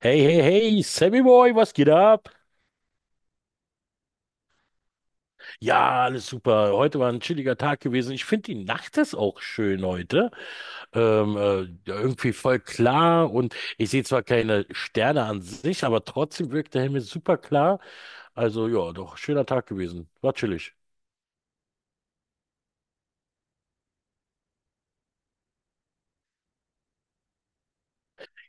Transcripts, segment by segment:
Hey, hey, hey, Sammy Boy, was geht ab? Ja, alles super. Heute war ein chilliger Tag gewesen. Ich finde, die Nacht ist auch schön heute. Ja, irgendwie voll klar und ich sehe zwar keine Sterne an sich, aber trotzdem wirkt der Himmel super klar. Also ja, doch, schöner Tag gewesen. War chillig.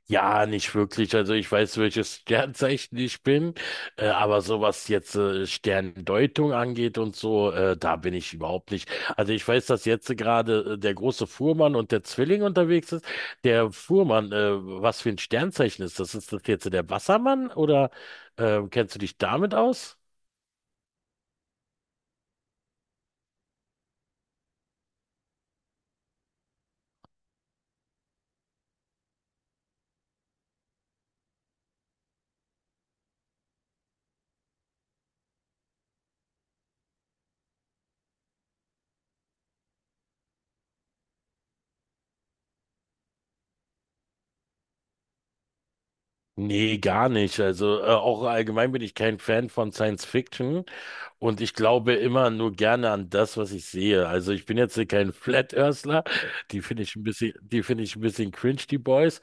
Ja, nicht wirklich. Also ich weiß, welches Sternzeichen ich bin, aber so was jetzt Sterndeutung angeht und so, da bin ich überhaupt nicht. Also ich weiß, dass jetzt gerade der große Fuhrmann und der Zwilling unterwegs ist. Der Fuhrmann, was für ein Sternzeichen ist das? Ist das jetzt der Wassermann oder kennst du dich damit aus? Nee, gar nicht. Also auch allgemein bin ich kein Fan von Science Fiction und ich glaube immer nur gerne an das, was ich sehe. Also ich bin jetzt hier kein Flat Earthler, die finde ich ein bisschen cringe, die Boys.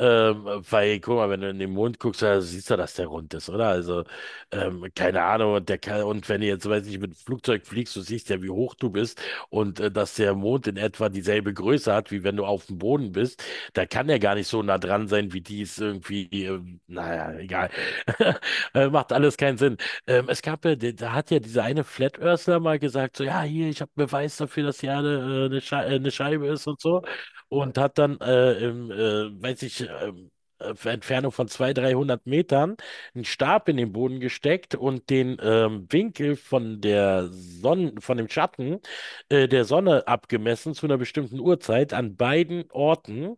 Ähm, weil, guck mal, wenn du in den Mond guckst, da siehst du, dass der rund ist, oder? Also, keine Ahnung, und der kann, und wenn du jetzt, weiß ich, mit dem Flugzeug fliegst, du siehst ja, wie hoch du bist und dass der Mond in etwa dieselbe Größe hat, wie wenn du auf dem Boden bist, da kann er gar nicht so nah dran sein, wie die es irgendwie, naja, egal. Macht alles keinen Sinn. Es gab ja, da hat ja dieser eine Flat Earthler mal gesagt, so, ja, hier, ich habe Beweis dafür, dass die Erde eine Scheibe ist und so. Und hat dann, weiß ich, auf Entfernung von 200, 300 Metern einen Stab in den Boden gesteckt und den Winkel von der Sonne, von dem Schatten der Sonne abgemessen zu einer bestimmten Uhrzeit an beiden Orten.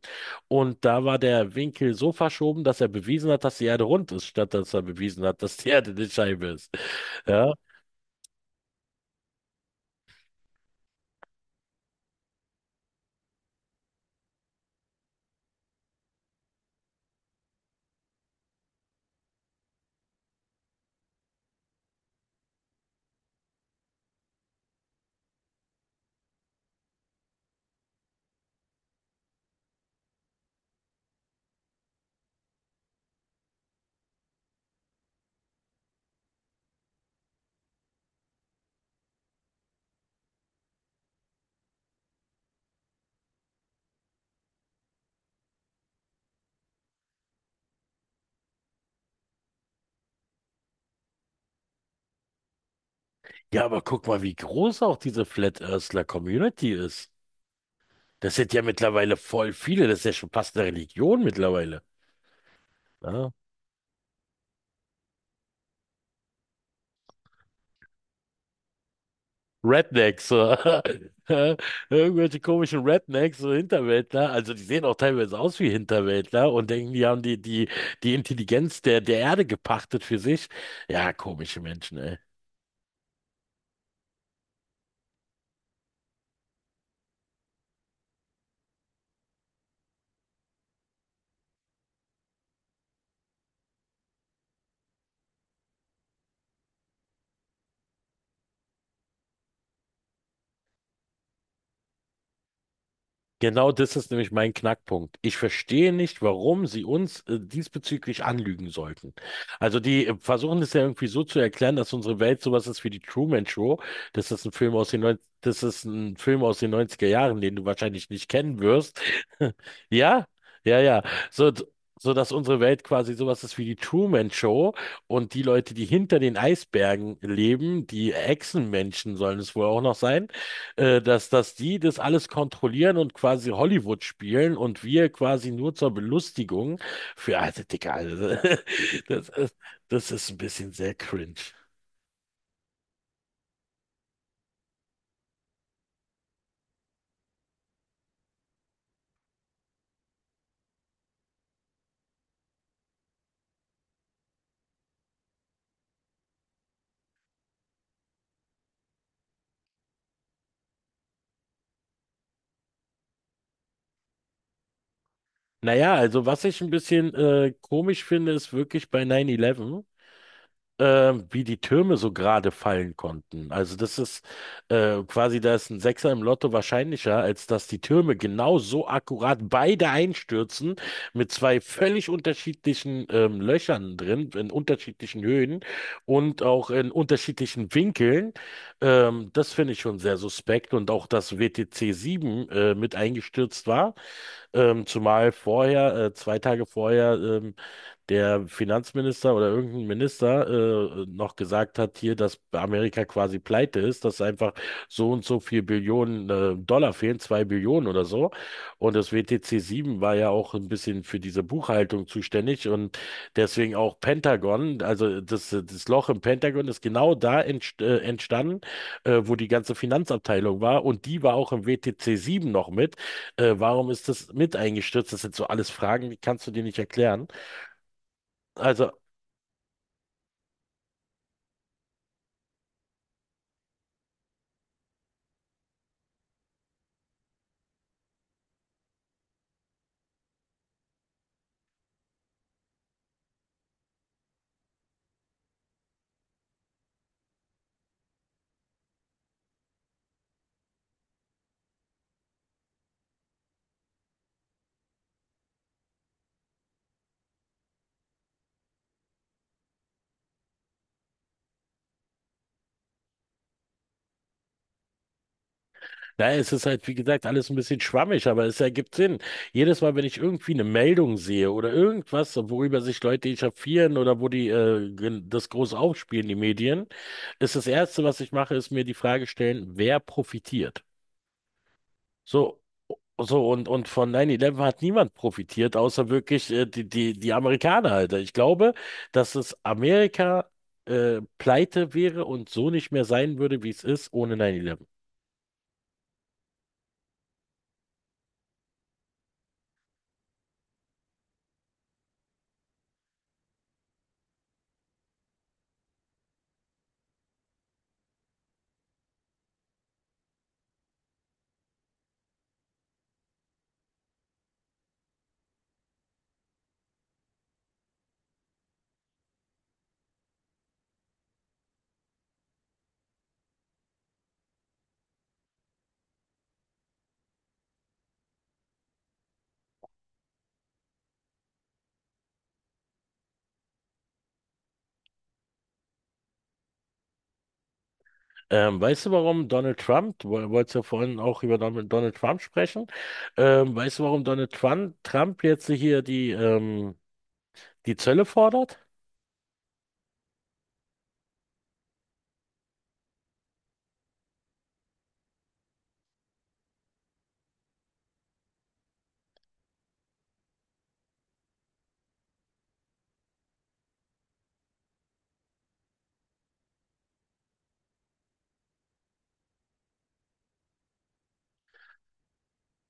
Und da war der Winkel so verschoben, dass er bewiesen hat, dass die Erde rund ist, statt dass er bewiesen hat, dass die Erde eine Scheibe ist. Ja, ja, aber guck mal, wie groß auch diese Flat Earthler Community ist. Das sind ja mittlerweile voll viele. Das ist ja schon fast eine Religion mittlerweile. Ja. Rednecks, so. Irgendwelche komischen Rednecks, so Hinterwäldler. Also die sehen auch teilweise aus wie Hinterwäldler und denken, die haben die Intelligenz der Erde gepachtet für sich. Ja, komische Menschen, ey. Genau das ist nämlich mein Knackpunkt. Ich verstehe nicht, warum sie uns diesbezüglich anlügen sollten. Also die versuchen es ja irgendwie so zu erklären, dass unsere Welt sowas ist wie die Truman Show. Das ist ein Film aus den 90, das ist ein Film aus den 90er Jahren, den du wahrscheinlich nicht kennen wirst. Ja, ja, ja. So, so dass unsere Welt quasi sowas ist wie die Truman Show und die Leute, die hinter den Eisbergen leben, die Echsenmenschen sollen es wohl auch noch sein, dass die das alles kontrollieren und quasi Hollywood spielen und wir quasi nur zur Belustigung für, also Dicker, also, das ist, das ist ein bisschen sehr cringe. Naja, also was ich ein bisschen komisch finde, ist wirklich bei 9-11. Wie die Türme so gerade fallen konnten. Also das ist quasi, da ist ein Sechser im Lotto wahrscheinlicher, als dass die Türme genau so akkurat beide einstürzen, mit zwei völlig unterschiedlichen Löchern drin, in unterschiedlichen Höhen und auch in unterschiedlichen Winkeln. Das finde ich schon sehr suspekt und auch, dass WTC 7 mit eingestürzt war, zumal vorher, zwei Tage vorher, der Finanzminister oder irgendein Minister noch gesagt hat hier, dass Amerika quasi pleite ist, dass einfach so und so viel Billionen Dollar fehlen, zwei Billionen oder so. Und das WTC 7 war ja auch ein bisschen für diese Buchhaltung zuständig und deswegen auch Pentagon, also das Loch im Pentagon ist genau da entstanden, wo die ganze Finanzabteilung war und die war auch im WTC 7 noch mit. Warum ist das mit eingestürzt? Das sind so alles Fragen, die kannst du dir nicht erklären. Also, ja, es ist halt, wie gesagt, alles ein bisschen schwammig, aber es ergibt Sinn. Jedes Mal, wenn ich irgendwie eine Meldung sehe oder irgendwas, worüber sich Leute echauffieren oder wo die das groß aufspielen, die Medien, ist das Erste, was ich mache, ist mir die Frage stellen, wer profitiert? So, so, und von 9-11 hat niemand profitiert, außer wirklich die Amerikaner, Alter. Ich glaube, dass es Amerika pleite wäre und so nicht mehr sein würde, wie es ist, ohne 9-11. Weißt du, warum Donald Trump, wolltest ja vorhin auch über Donald Trump sprechen, weißt du, warum Trump jetzt hier die, die Zölle fordert?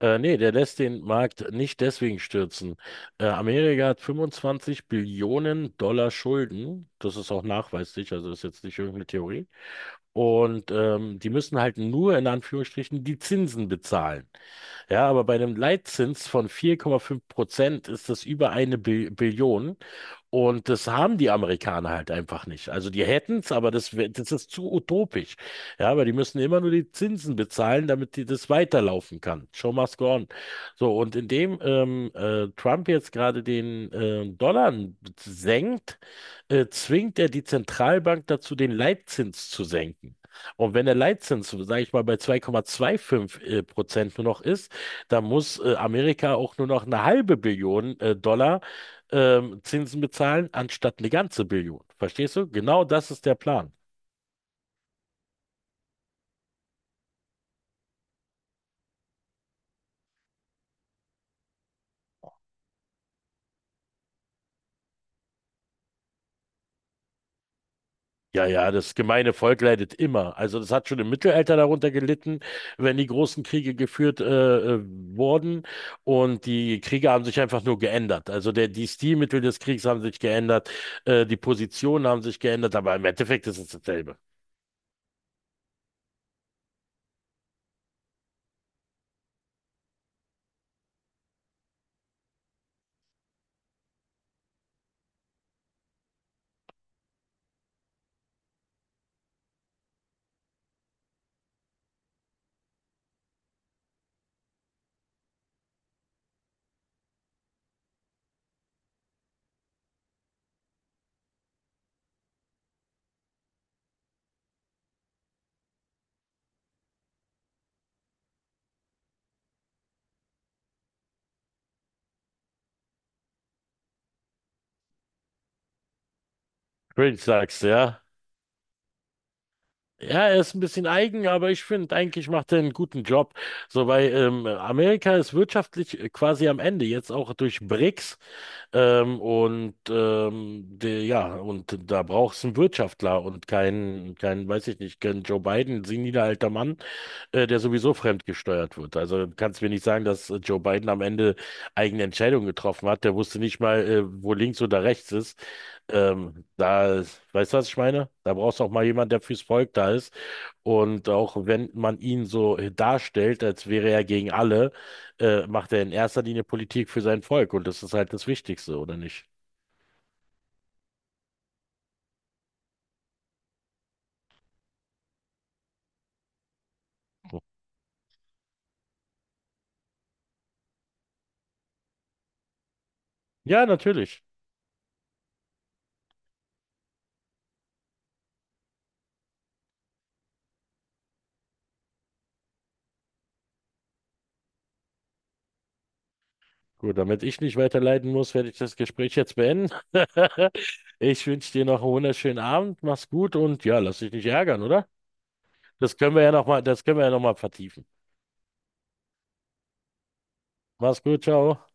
Nee, der lässt den Markt nicht deswegen stürzen. Amerika hat 25 Billionen Dollar Schulden. Das ist auch nachweislich, also ist jetzt nicht irgendeine Theorie. Und die müssen halt nur in Anführungsstrichen die Zinsen bezahlen. Ja, aber bei einem Leitzins von 4,5% ist das über eine Bi Billion. Und das haben die Amerikaner halt einfach nicht. Also die hätten es, aber das ist zu utopisch. Ja, aber die müssen immer nur die Zinsen bezahlen, damit die das weiterlaufen kann. Show must go on. So, und indem Trump jetzt gerade den Dollar senkt, zwingt er die Zentralbank dazu, den Leitzins zu senken. Und wenn der Leitzins, sage ich mal, bei 2,25 Prozent nur noch ist, dann muss Amerika auch nur noch eine halbe Billion Dollar Zinsen bezahlen, anstatt eine ganze Billion. Verstehst du? Genau das ist der Plan. Ja, ja, das gemeine Volk leidet immer. Also das hat schon im Mittelalter darunter gelitten, wenn die großen Kriege geführt wurden und die Kriege haben sich einfach nur geändert. Also die Stilmittel des Kriegs haben sich geändert, die Positionen haben sich geändert, aber im Endeffekt ist es dasselbe. Cringe sagst du, ja? Ja, er ist ein bisschen eigen, aber ich finde, eigentlich macht er einen guten Job. So, weil Amerika ist wirtschaftlich quasi am Ende, jetzt auch durch BRICS. Ja, und da brauchst du einen Wirtschaftler und keinen, keinen, weiß ich nicht, keinen Joe Biden, seniler alter Mann, der sowieso fremdgesteuert wird. Also du kannst mir nicht sagen, dass Joe Biden am Ende eigene Entscheidungen getroffen hat. Der wusste nicht mal, wo links oder rechts ist. Ähm, da, Weißt du, was ich meine? Da brauchst du auch mal jemand, der fürs Volk da ist und auch wenn man ihn so darstellt, als wäre er gegen alle, macht er in erster Linie Politik für sein Volk. Und das ist halt das Wichtigste, oder nicht? Ja, natürlich. Gut, damit ich nicht weiter leiden muss, werde ich das Gespräch jetzt beenden. Ich wünsche dir noch einen wunderschönen Abend. Mach's gut und ja, lass dich nicht ärgern, oder? Das können wir ja noch mal vertiefen. Mach's gut, ciao.